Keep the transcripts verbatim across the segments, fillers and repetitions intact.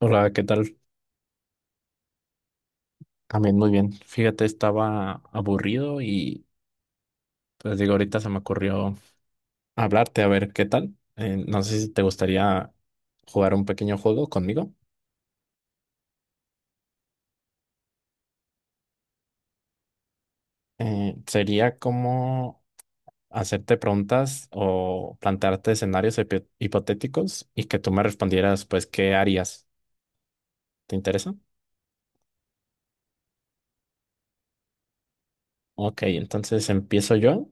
Hola, ¿qué tal? También muy bien. Fíjate, estaba aburrido y pues digo, ahorita se me ocurrió hablarte a ver qué tal. Eh, no sé si te gustaría jugar un pequeño juego conmigo. Eh, sería como hacerte preguntas o plantearte escenarios hipo- hipotéticos y que tú me respondieras, pues, ¿qué harías? ¿Te interesa? Ok, entonces empiezo yo.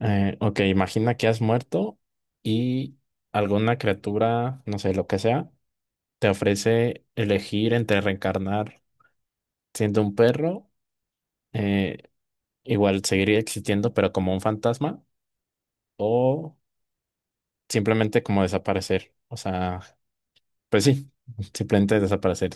Eh, ok, imagina que has muerto y alguna criatura, no sé, lo que sea te ofrece elegir entre reencarnar siendo un perro, eh, igual seguir existiendo, pero como un fantasma, o simplemente como desaparecer. O sea, pues sí, simplemente desaparecer.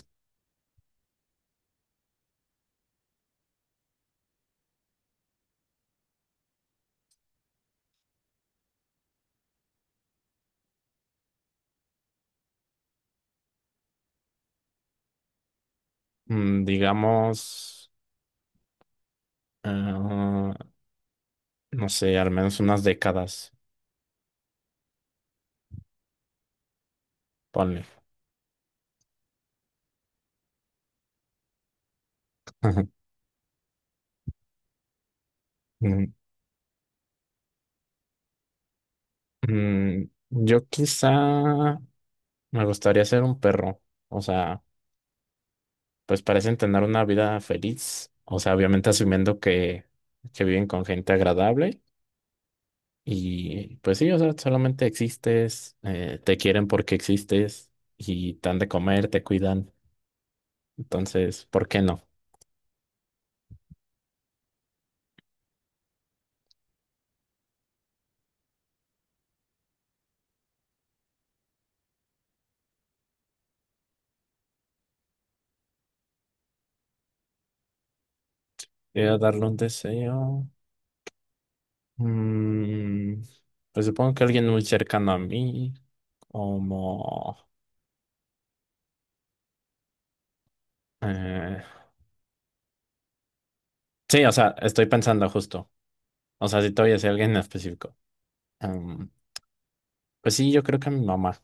Mm, digamos, ah, no sé, al menos unas décadas, ponle. Ajá. Mm, mm, yo quizá me gustaría ser un perro, o sea, pues parecen tener una vida feliz, o sea, obviamente asumiendo que, que viven con gente agradable y pues sí, o sea, solamente existes, eh, te quieren porque existes y te dan de comer, te cuidan, entonces, ¿por qué no? Voy a darle un deseo. Mm, pues supongo que alguien muy cercano a mí, como... eh, sí, o sea, estoy pensando justo, o sea, si todavía es alguien en específico. Em, pues sí, yo creo que a mi mamá.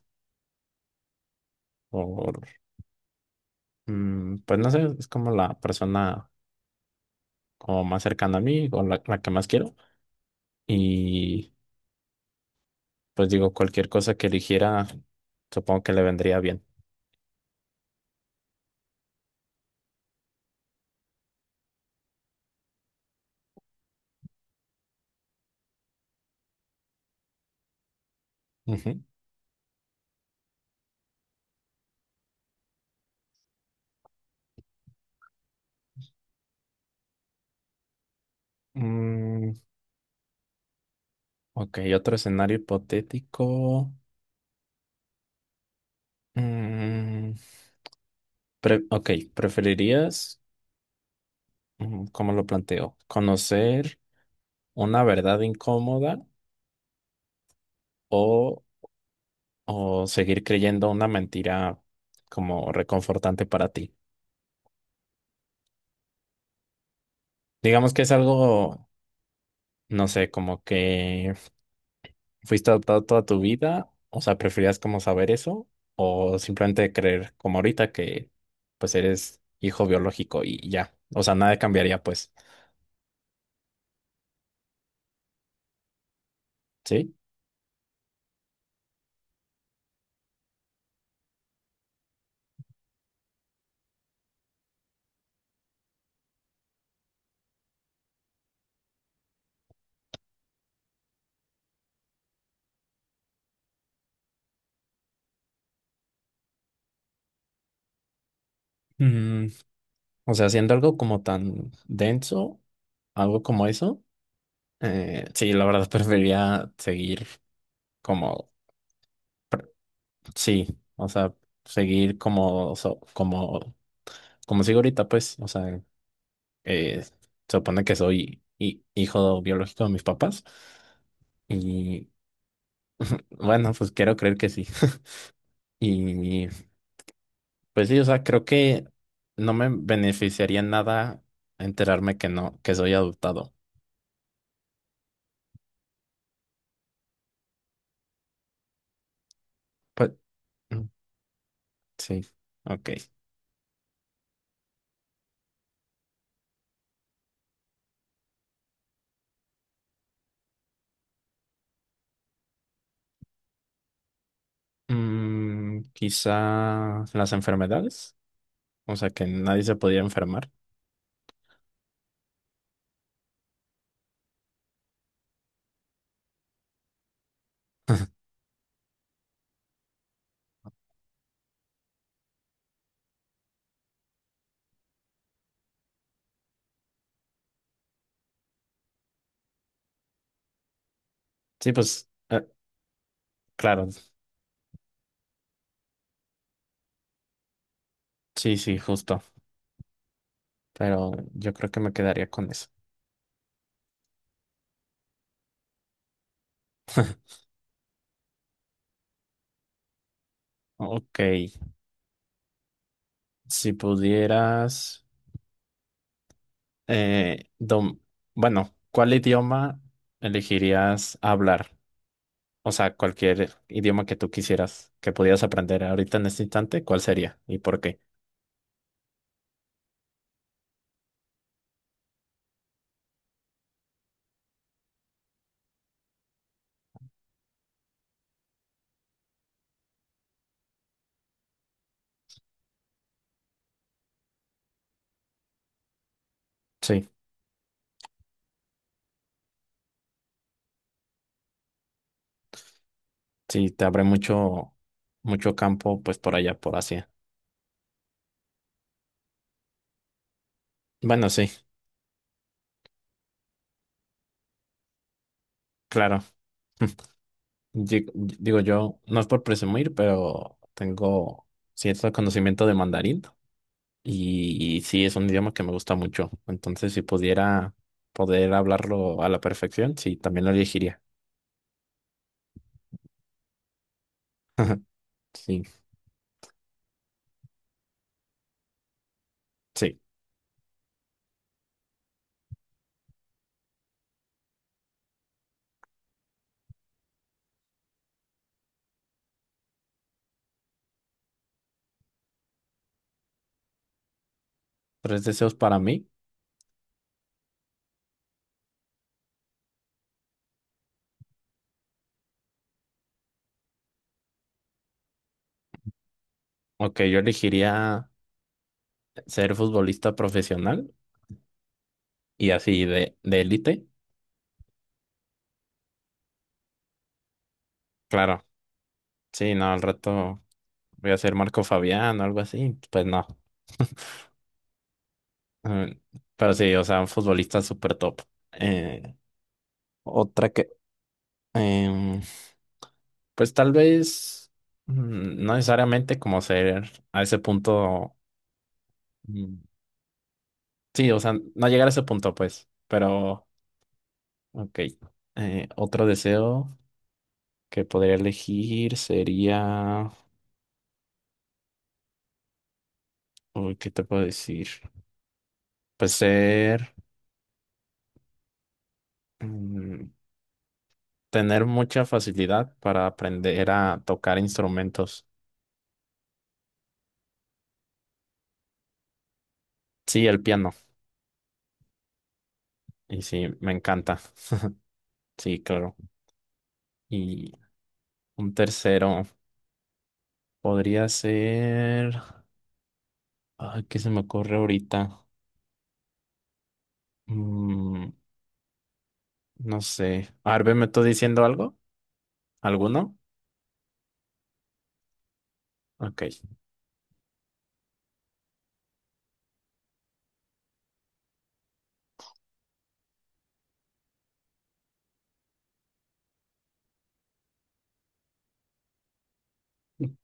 Mm, pues no sé, es como la persona como más cercana a mí o la, la que más quiero. Y pues digo, cualquier cosa que eligiera, supongo que le vendría bien. Ujú. Mm, ok, otro escenario hipotético. Mm, pre- ok, ¿preferirías, mm, cómo lo planteo, conocer una verdad incómoda o, o seguir creyendo una mentira como reconfortante para ti? Digamos que es algo, no sé, como que fuiste adoptado toda tu vida, o sea, preferías como saber eso o simplemente creer como ahorita que pues eres hijo biológico y ya, o sea, nada cambiaría pues, ¿sí? Mm, o sea, haciendo algo como tan denso, algo como eso, eh, sí, la verdad preferiría seguir como, sí, o sea, seguir como, so- como, como sigo ahorita pues, o sea, eh, se supone que soy hi- hijo biológico de mis papás. Y bueno, pues quiero creer que sí. Y pues sí, o sea, creo que no me beneficiaría en nada enterarme que no, que soy adoptado. Pues mm, sí, ok. Mm, quizá las enfermedades, o sea, que nadie se podía enfermar. Sí, pues eh, claro, sí, sí, justo. Pero yo creo que me quedaría con eso. Ok, si pudieras, eh, dom- bueno, ¿cuál idioma elegirías hablar? O sea, cualquier idioma que tú quisieras, que pudieras aprender ahorita en este instante, ¿cuál sería y por qué? Sí, sí, te abre mucho, mucho campo, pues por allá, por Asia. Bueno, sí, claro. Di- Digo, yo, no es por presumir, pero tengo cierto conocimiento de mandarín. Y, y sí, es un idioma que me gusta mucho. Entonces, si pudiera poder hablarlo a la perfección, sí, también lo elegiría. Sí, sí. Tres deseos para mí. Ok, yo elegiría ser futbolista profesional y así de, de élite. Claro, sí, no, al rato voy a ser Marco Fabián o algo así. Pues no. Mm, Pero sí, o sea, un futbolista súper top. Eh, otra que Em, pues tal vez, mm, no necesariamente como ser a ese punto. mm, Sí, o sea, no llegar a ese punto, pues. Pero, ok. Eh, otro deseo que podría elegir sería. Uy, ¿qué te puedo decir? Pues ser, mm, tener mucha facilidad para aprender a tocar instrumentos. Sí, el piano. Y sí, me encanta. Sí, claro. Y un tercero. Podría ser... Ay, ¿qué se me ocurre ahorita? Mm, no sé. Arbe, ¿me estoy diciendo algo? ¿Alguno? Ok.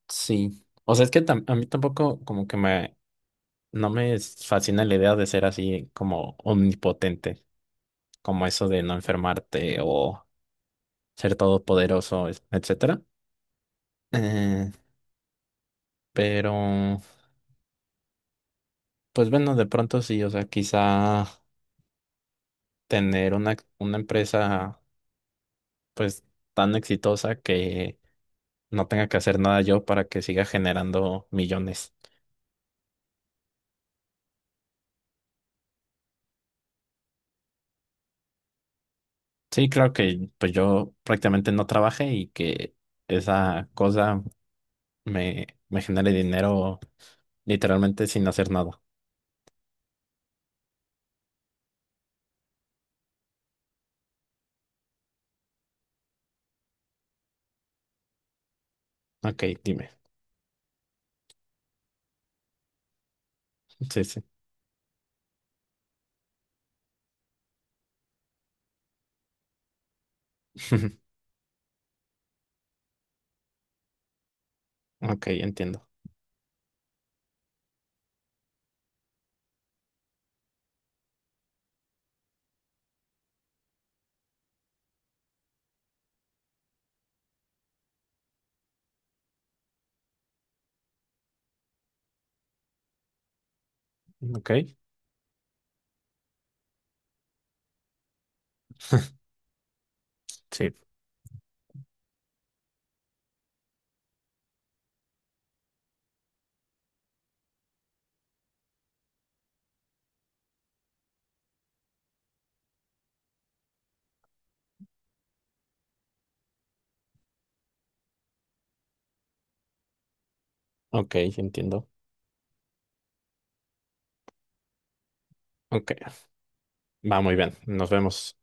Sí. O sea, es que tam- a mí tampoco como que me... No me fascina la idea de ser así como omnipotente, como eso de no enfermarte o ser todopoderoso, es- etcétera. Eh, pero, pues bueno, de pronto sí, o sea, quizá tener una, una empresa pues tan exitosa que no tenga que hacer nada yo para que siga generando millones. Sí, claro que pues yo prácticamente no trabaje y que esa cosa me, me genere dinero literalmente sin hacer nada. Ok, dime. Sí, sí. Ok, entiendo. Ok, sí. Ok, entiendo. Ok, va muy bien. Nos vemos.